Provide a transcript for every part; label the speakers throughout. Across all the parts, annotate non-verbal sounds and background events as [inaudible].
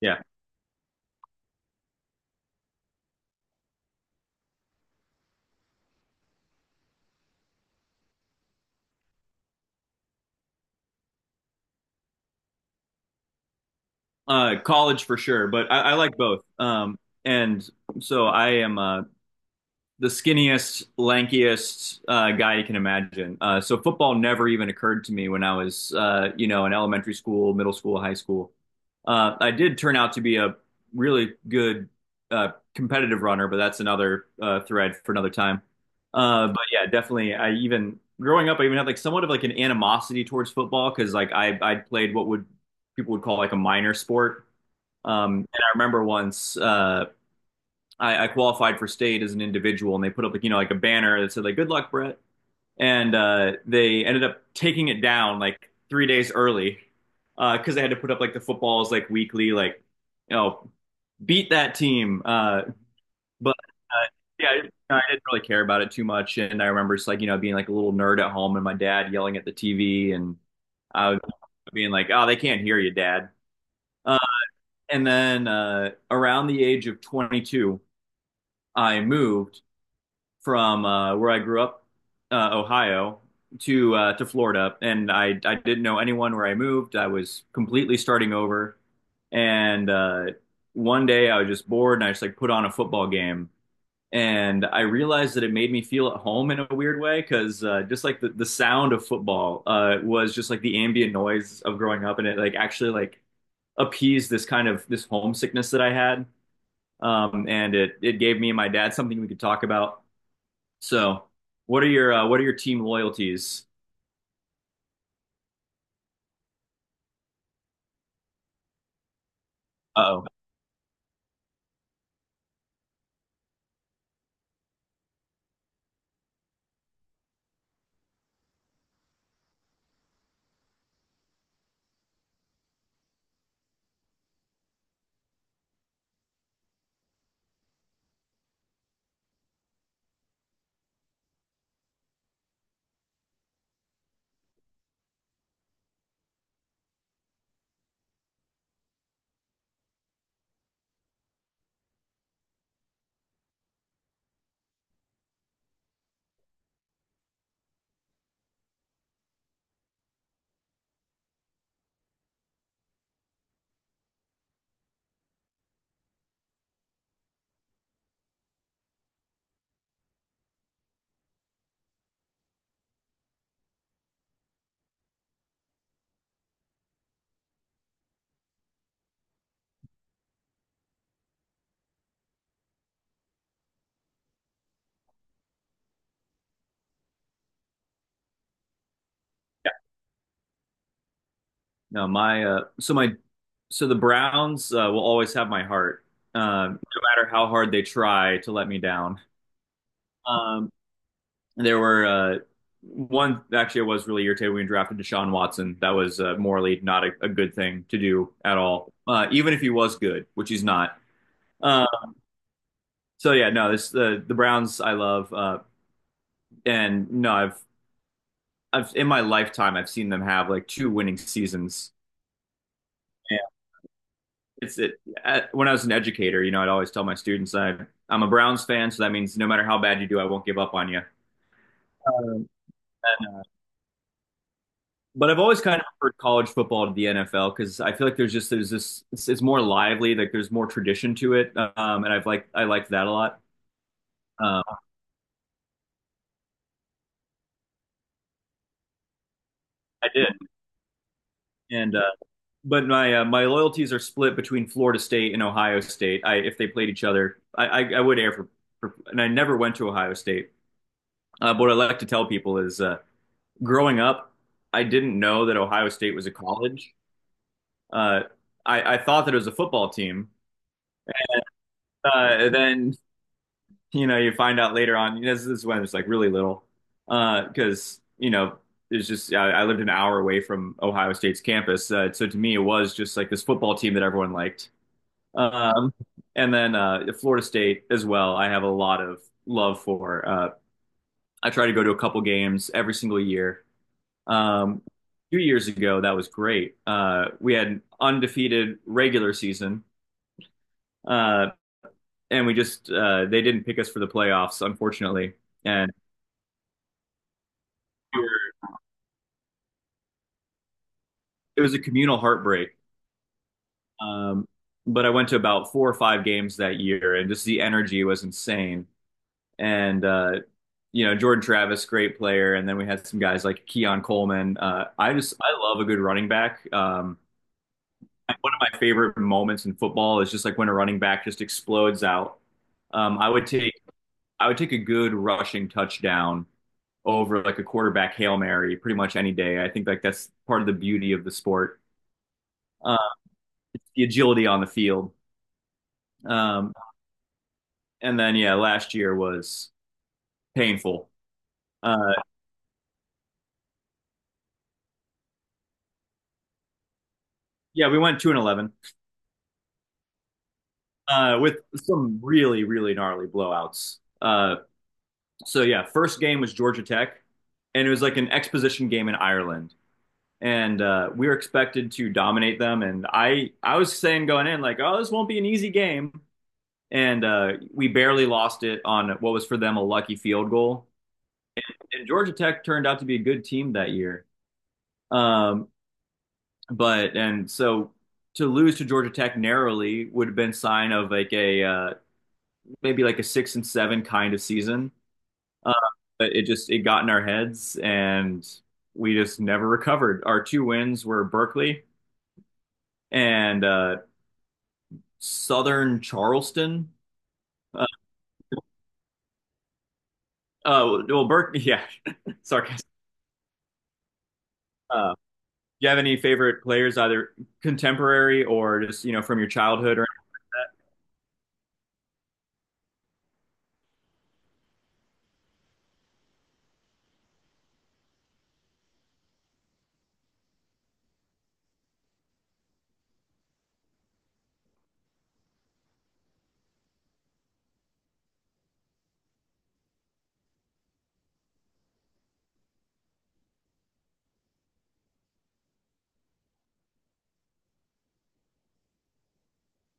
Speaker 1: Yeah. College for sure, but I like both. And so I am the skinniest, lankiest guy you can imagine. So football never even occurred to me when I was, you know, in elementary school, middle school, high school. I did turn out to be a really good competitive runner, but that's another thread for another time. But yeah, definitely. I even growing up, I even had like somewhat of like an animosity towards football because like I played what would people would call like a minor sport. And I remember once I qualified for state as an individual, and they put up like like a banner that said like "Good luck, Brett," and they ended up taking it down like three days early because they had to put up like the footballs like weekly like you know beat that team. But uh, yeah, I didn't really care about it too much, and I remember just like being like a little nerd at home and my dad yelling at the TV, and I was being like, "Oh, they can't hear you, Dad." Uh, and then Around the age of 22, I moved from where I grew up, Ohio, to Florida, and I didn't know anyone where I moved. I was completely starting over, and one day I was just bored, and I just like put on a football game, and I realized that it made me feel at home in a weird way because just like the sound of football was just like the ambient noise of growing up, and it like actually like appeased this kind of this homesickness that I had. And it gave me and my dad something we could talk about, so what are your team loyalties? Uh-oh. No, my so my so the Browns will always have my heart, no matter how hard they try to let me down. Um, there were one actually, I was really irritated when we drafted Deshaun Watson. That was morally not a good thing to do at all, even if he was good, which he's not. Uh, so yeah, no, this the Browns I love, and no, I've in my lifetime I've seen them have like two winning seasons. it's it when I was an educator, you know, I'd always tell my students I I'm a Browns fan, so that means no matter how bad you do, I won't give up on you. Um, but I've always kind of preferred college football to the NFL because I feel like there's just there's this it's more lively, like there's more tradition to it, and I liked that a lot. Um, I did, and but my my loyalties are split between Florida State and Ohio State. I if they played each other, I would air for, and I never went to Ohio State. But what I like to tell people is growing up, I didn't know that Ohio State was a college. Uh, I thought that it was a football team. Uh, and then, you know, you find out later on, you know, this is when it's like really little, because, you know, I lived an hour away from Ohio State's campus. So to me, it was just like this football team that everyone liked. Um, and then Florida State as well, I have a lot of love for. I try to go to a couple games every single year. Um, Two years ago, that was great. We had an undefeated regular season, uh, and we just they didn't pick us for the playoffs, unfortunately, and we were- it was a communal heartbreak. Um, but I went to about four or five games that year, and just the energy was insane. And you know, Jordan Travis, great player, and then we had some guys like Keon Coleman. I love a good running back. Like, one of my favorite moments in football is just like when a running back just explodes out. Um, I would take I would take a good rushing touchdown over like a quarterback Hail Mary pretty much any day. I think like that's part of the beauty of the sport. Uh, it's the agility on the field. Um, and then yeah, last year was painful. Uh, yeah, we went 2-11 with some really really gnarly blowouts. So yeah, first game was Georgia Tech, and it was like an exposition game in Ireland. And we were expected to dominate them. And I was saying going in like, oh, this won't be an easy game, and we barely lost it on what was for them a lucky field goal. And Georgia Tech turned out to be a good team that year. Um, but and so to lose to Georgia Tech narrowly would have been sign of like a maybe like a six and seven kind of season. Uh, but it got in our heads, and we just never recovered. Our two wins were Berkeley and Southern Charleston. Uh, oh, well, Burke, yeah, [laughs] sarcastic. Do you have any favorite players, either contemporary or just, you know, from your childhood, or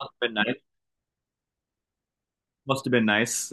Speaker 1: must have been nice? Must have been nice.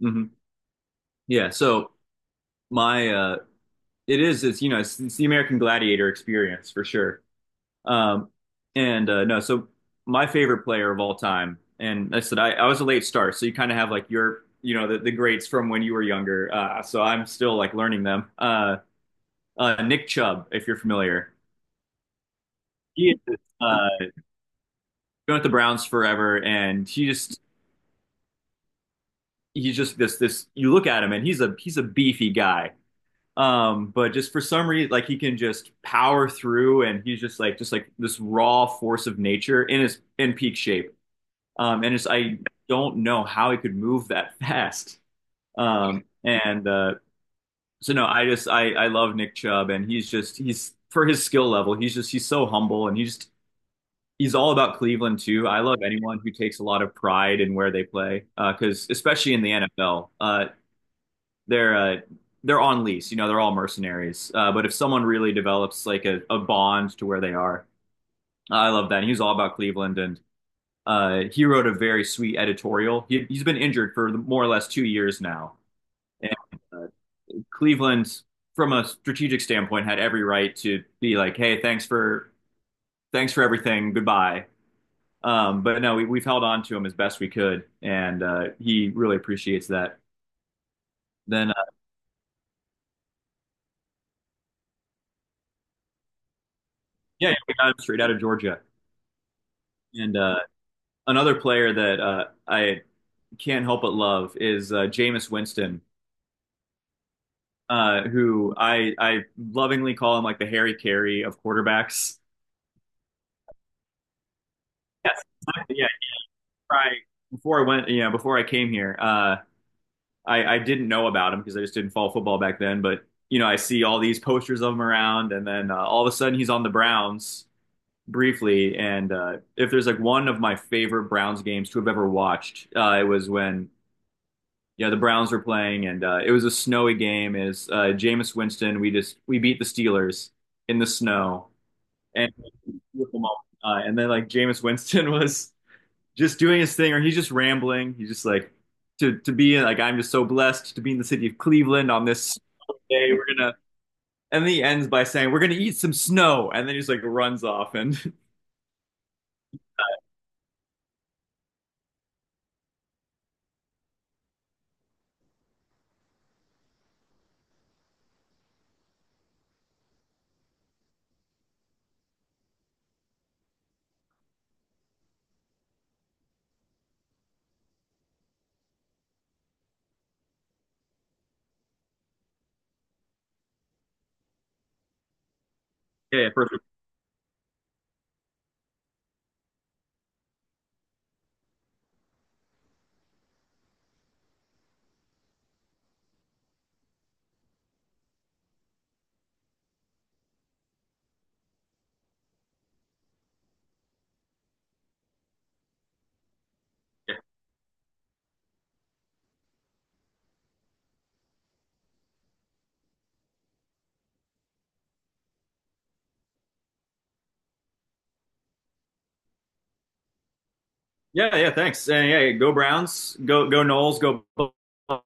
Speaker 1: [laughs] hmm Yeah, so my it is, it's, you know, it's the American Gladiator experience for sure. Um and No, so my favorite player of all time, and I said I was a late start, so you kind of have like your, you know, the greats from when you were younger. So I'm still like learning them. Nick Chubb, if you're familiar. He is, uh, been with the Browns forever, and he just he's just this this. You look at him, and he's a beefy guy. But just for some reason, like he can just power through, and he's just like this raw force of nature in his in peak shape. And just I don't know how he could move that [laughs] fast. And so no, I just I love Nick Chubb, and he's just he's for his skill level, he's so humble, and he's all about Cleveland too. I love anyone who takes a lot of pride in where they play, because especially in the NFL, they're uh, they're on lease. You know, they're all mercenaries. But if someone really develops like a bond to where they are, I love that. And he all about Cleveland, and he wrote a very sweet editorial. He's been injured for more or less two years now, and uh, Cleveland, from a strategic standpoint, had every right to be like, "Hey, thanks for." Thanks for everything. Goodbye. But no, we've held on to him as best we could, and he really appreciates that. Then, uh, yeah, we got him straight out of Georgia. And another player that I can't help but love is Jameis Winston, who I lovingly call him like the Harry Carey of quarterbacks. Yes, exactly. Yeah. I, before I went, Yeah, before I came here, I didn't know about him because I just didn't follow football back then. But you know, I see all these posters of him around, and then all of a sudden he's on the Browns briefly, and if there's like one of my favorite Browns games to have ever watched, it was when yeah the Browns were playing, and it was a snowy game. Is Jameis Winston? We beat the Steelers in the snow, and beautiful moment. And then like Jameis Winston [laughs] was just doing his thing, or he's just rambling. He's just like to be like I'm just so blessed to be in the city of Cleveland on this snowy day. We're gonna. And then he ends by saying, "We're gonna eat some snow," and then he just like runs off, and [laughs] yeah, yeah, perfect. Yeah, yeah, thanks. And yeah, go Browns, go go Knowles, go Bucks.